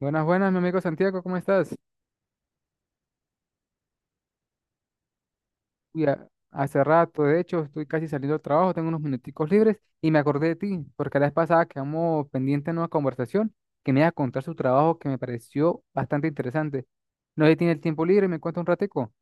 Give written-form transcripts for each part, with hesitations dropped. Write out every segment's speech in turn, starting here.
Buenas, buenas, mi amigo Santiago, ¿cómo estás? Uy, hace rato, de hecho, estoy casi saliendo del trabajo, tengo unos minuticos libres y me acordé de ti, porque la vez pasada quedamos pendientes en una conversación que me iba a contar su trabajo que me pareció bastante interesante. No sé si tiene el tiempo libre y me cuenta un ratico.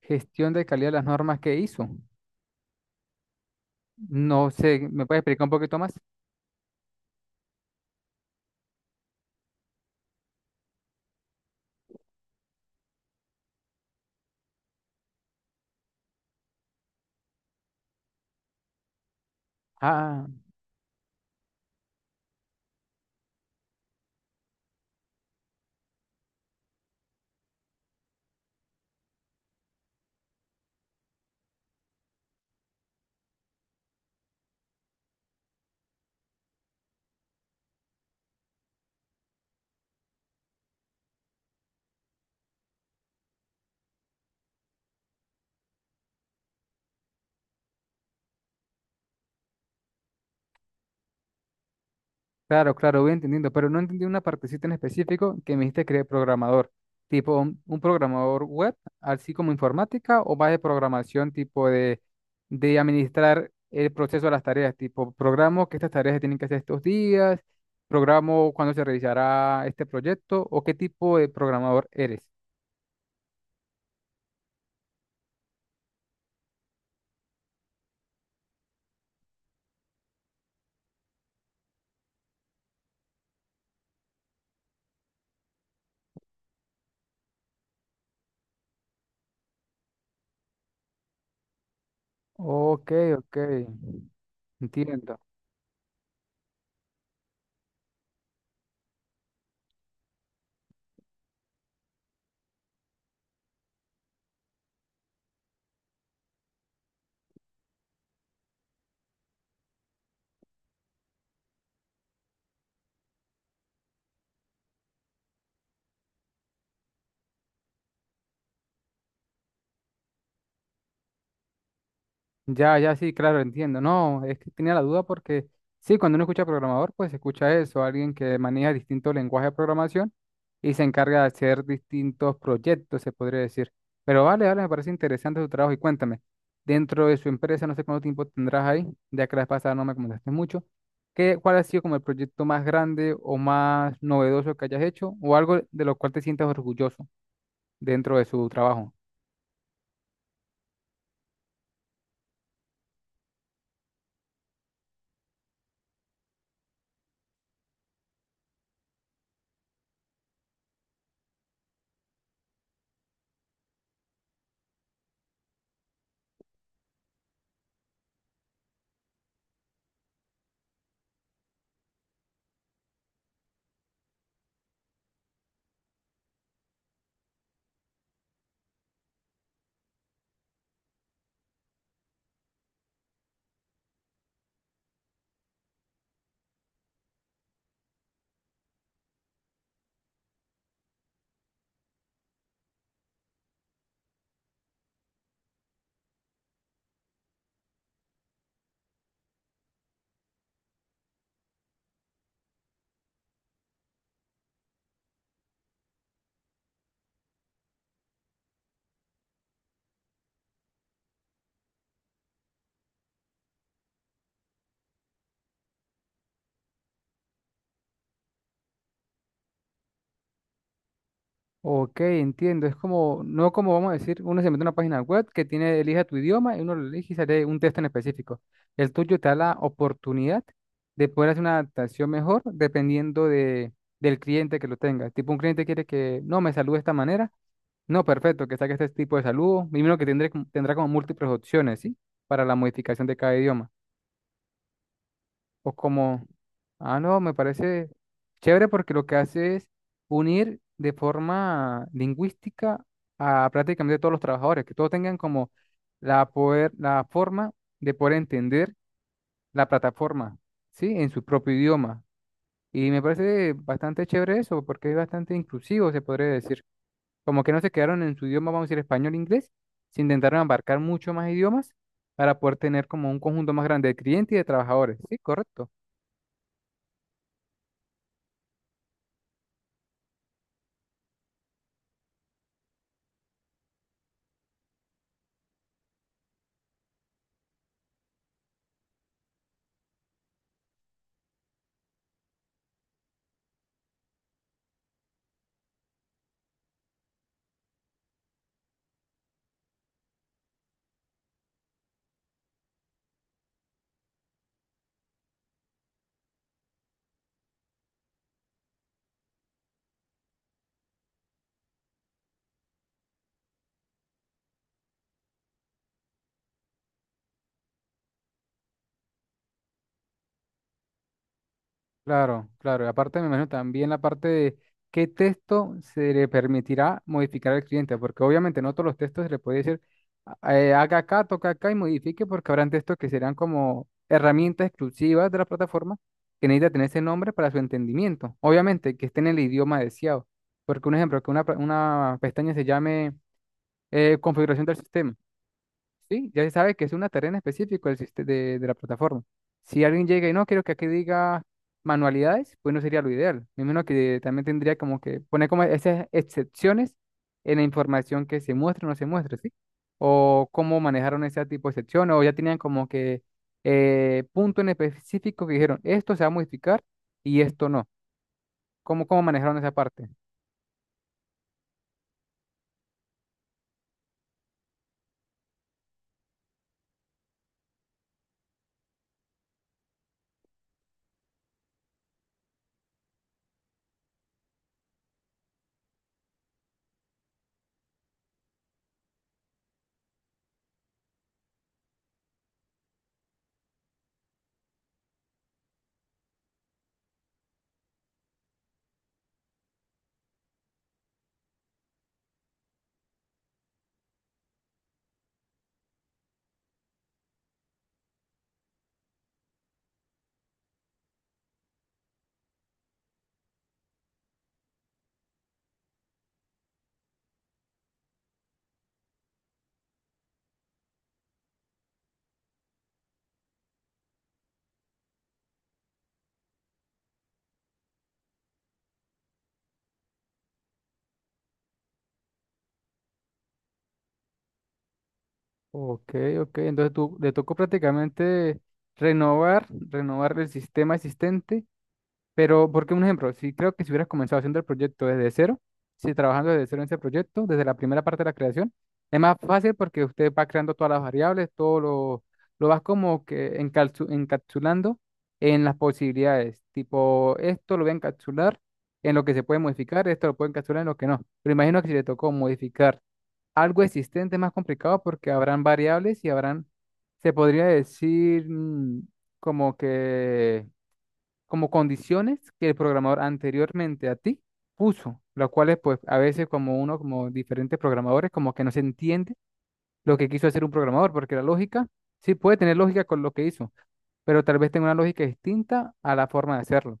Gestión de calidad de las normas que hizo. No sé, ¿me puedes explicar un poquito más? Ah. Claro, claro, voy entendiendo, pero no entendí una partecita en específico que me dijiste que eres programador, tipo un programador web, así como informática, o más de programación, tipo de administrar el proceso de las tareas, tipo programo que estas tareas se tienen que hacer estos días, programo cuándo se realizará este proyecto, o qué tipo de programador eres. Ok, ok, entiendo. Ya, ya, sí, claro, entiendo. No, es que tenía la duda porque sí, cuando uno escucha programador, pues se escucha eso, alguien que maneja distintos lenguajes de programación y se encarga de hacer distintos proyectos, se podría decir. Pero vale, vale, me parece interesante su trabajo y cuéntame, dentro de su empresa, no sé cuánto tiempo tendrás ahí, ya que la vez pasada no me comentaste mucho, ¿qué, cuál ha sido como el proyecto más grande o más novedoso que hayas hecho o algo de lo cual te sientas orgulloso dentro de su trabajo? Ok, entiendo. Es como, no como vamos a decir, uno se mete a una página web que tiene, elija tu idioma y uno lo elige y sale un texto en específico. El tuyo te da la oportunidad de poder hacer una adaptación mejor dependiendo de, del cliente que lo tenga. Tipo, un cliente quiere que, no, me salude de esta manera. No, perfecto, que saque este tipo de saludo. Mínimo que tendré, tendrá como múltiples opciones, ¿sí? Para la modificación de cada idioma. O como, ah, no, me parece chévere porque lo que hace es unir de forma lingüística a prácticamente todos los trabajadores, que todos tengan como la, poder, la forma de poder entender la plataforma, ¿sí? En su propio idioma. Y me parece bastante chévere eso porque es bastante inclusivo, se podría decir. Como que no se quedaron en su idioma, vamos a decir español, e inglés, se intentaron abarcar mucho más idiomas para poder tener como un conjunto más grande de clientes y de trabajadores, ¿sí? Correcto. Claro, claro. Y aparte, me imagino también la parte de qué texto se le permitirá modificar al cliente, porque obviamente no todos los textos se le puede decir, "Ah, haga acá, toca acá y modifique, porque habrán textos que serán como herramientas exclusivas de la plataforma que necesita tener ese nombre para su entendimiento. Obviamente que esté en el idioma deseado, porque un ejemplo, que una, una pestaña se llame configuración del sistema. Sí, ya se sabe que es una tarea en específico de la plataforma. Si alguien llega y no, quiero que aquí diga manualidades, pues no sería lo ideal. Me imagino que también tendría como que poner como esas excepciones en la información que se muestra o no se muestra, ¿sí? O cómo manejaron ese tipo de excepciones, o ya tenían como que punto en específico que dijeron, esto se va a modificar y esto no. ¿Cómo, cómo manejaron esa parte? Ok, ok, entonces tú, le tocó prácticamente renovar el sistema existente. Pero, porque un ejemplo, si creo que si hubieras comenzado haciendo el proyecto desde cero, si trabajando desde cero en ese proyecto, desde la primera parte de la creación, es más fácil porque usted va creando todas las variables, todo lo vas como que encapsulando en las posibilidades. Tipo, esto lo voy a encapsular en lo que se puede modificar, esto lo puedo encapsular en lo que no. Pero imagino que si le tocó modificar algo existente es más complicado porque habrán variables y habrán, se podría decir, como que como condiciones que el programador anteriormente a ti puso, las cuales pues a veces como uno, como diferentes programadores, como que no se entiende lo que quiso hacer un programador, porque la lógica sí puede tener lógica con lo que hizo, pero tal vez tenga una lógica distinta a la forma de hacerlo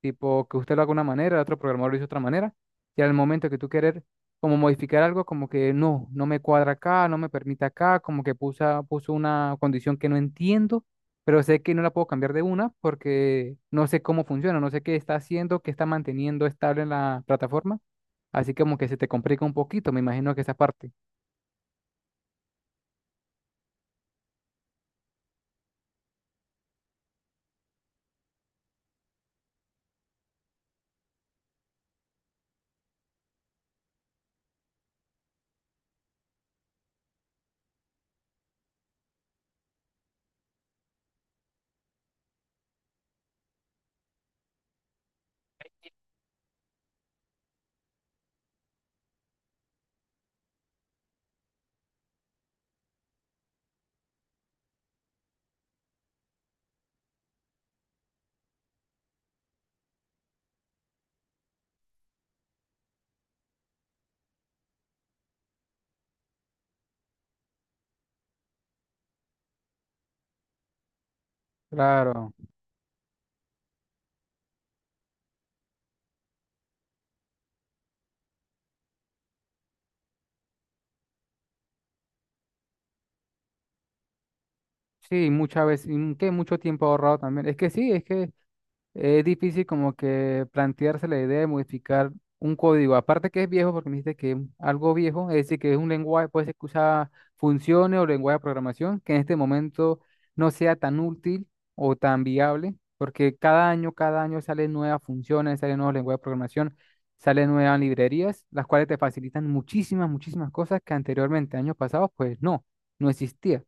tipo que usted lo haga de una manera, el otro programador lo hizo de otra manera, y al momento que tú querer como modificar algo, como que no, no me cuadra acá, no me permite acá, como que puso una condición que no entiendo, pero sé que no la puedo cambiar de una porque no sé cómo funciona, no sé qué está haciendo, qué está manteniendo estable en la plataforma, así como que se te complica un poquito, me imagino que esa parte. Claro. Sí, muchas veces, que mucho tiempo ahorrado también. Es que sí, es que es difícil como que plantearse la idea de modificar un código. Aparte que es viejo, porque me dijiste que es algo viejo, es decir, que es un lenguaje, puede ser que usa funciones o lenguaje de programación, que en este momento no sea tan útil o tan viable, porque cada año salen nuevas funciones, salen nuevos lenguajes de programación, salen nuevas librerías, las cuales te facilitan muchísimas, muchísimas cosas que anteriormente, años pasados, pues no, no existía.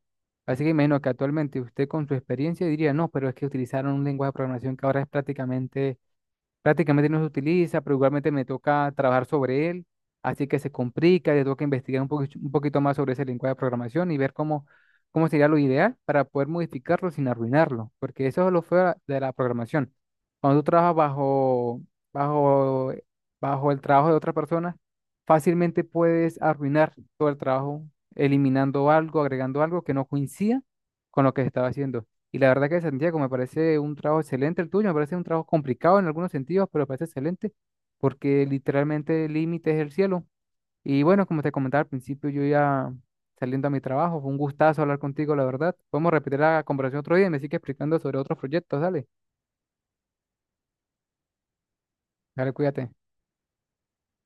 Así que imagino que actualmente usted con su experiencia diría, no, pero es que utilizaron un lenguaje de programación que ahora es prácticamente no se utiliza, pero igualmente me toca trabajar sobre él, así que se complica, le toca investigar un poquito más sobre ese lenguaje de programación y ver cómo, cómo sería lo ideal para poder modificarlo sin arruinarlo, porque eso es lo feo de la programación. Cuando tú trabajas bajo, bajo el trabajo de otra persona, fácilmente puedes arruinar todo el trabajo eliminando algo, agregando algo que no coincida con lo que se estaba haciendo. Y la verdad que Santiago, me parece un trabajo excelente el tuyo, me parece un trabajo complicado en algunos sentidos, pero me parece excelente porque literalmente el límite es el cielo. Y bueno, como te comentaba al principio, yo ya saliendo a mi trabajo, fue un gustazo hablar contigo, la verdad. Podemos repetir la conversación otro día y me sigue explicando sobre otros proyectos, dale. Dale, cuídate.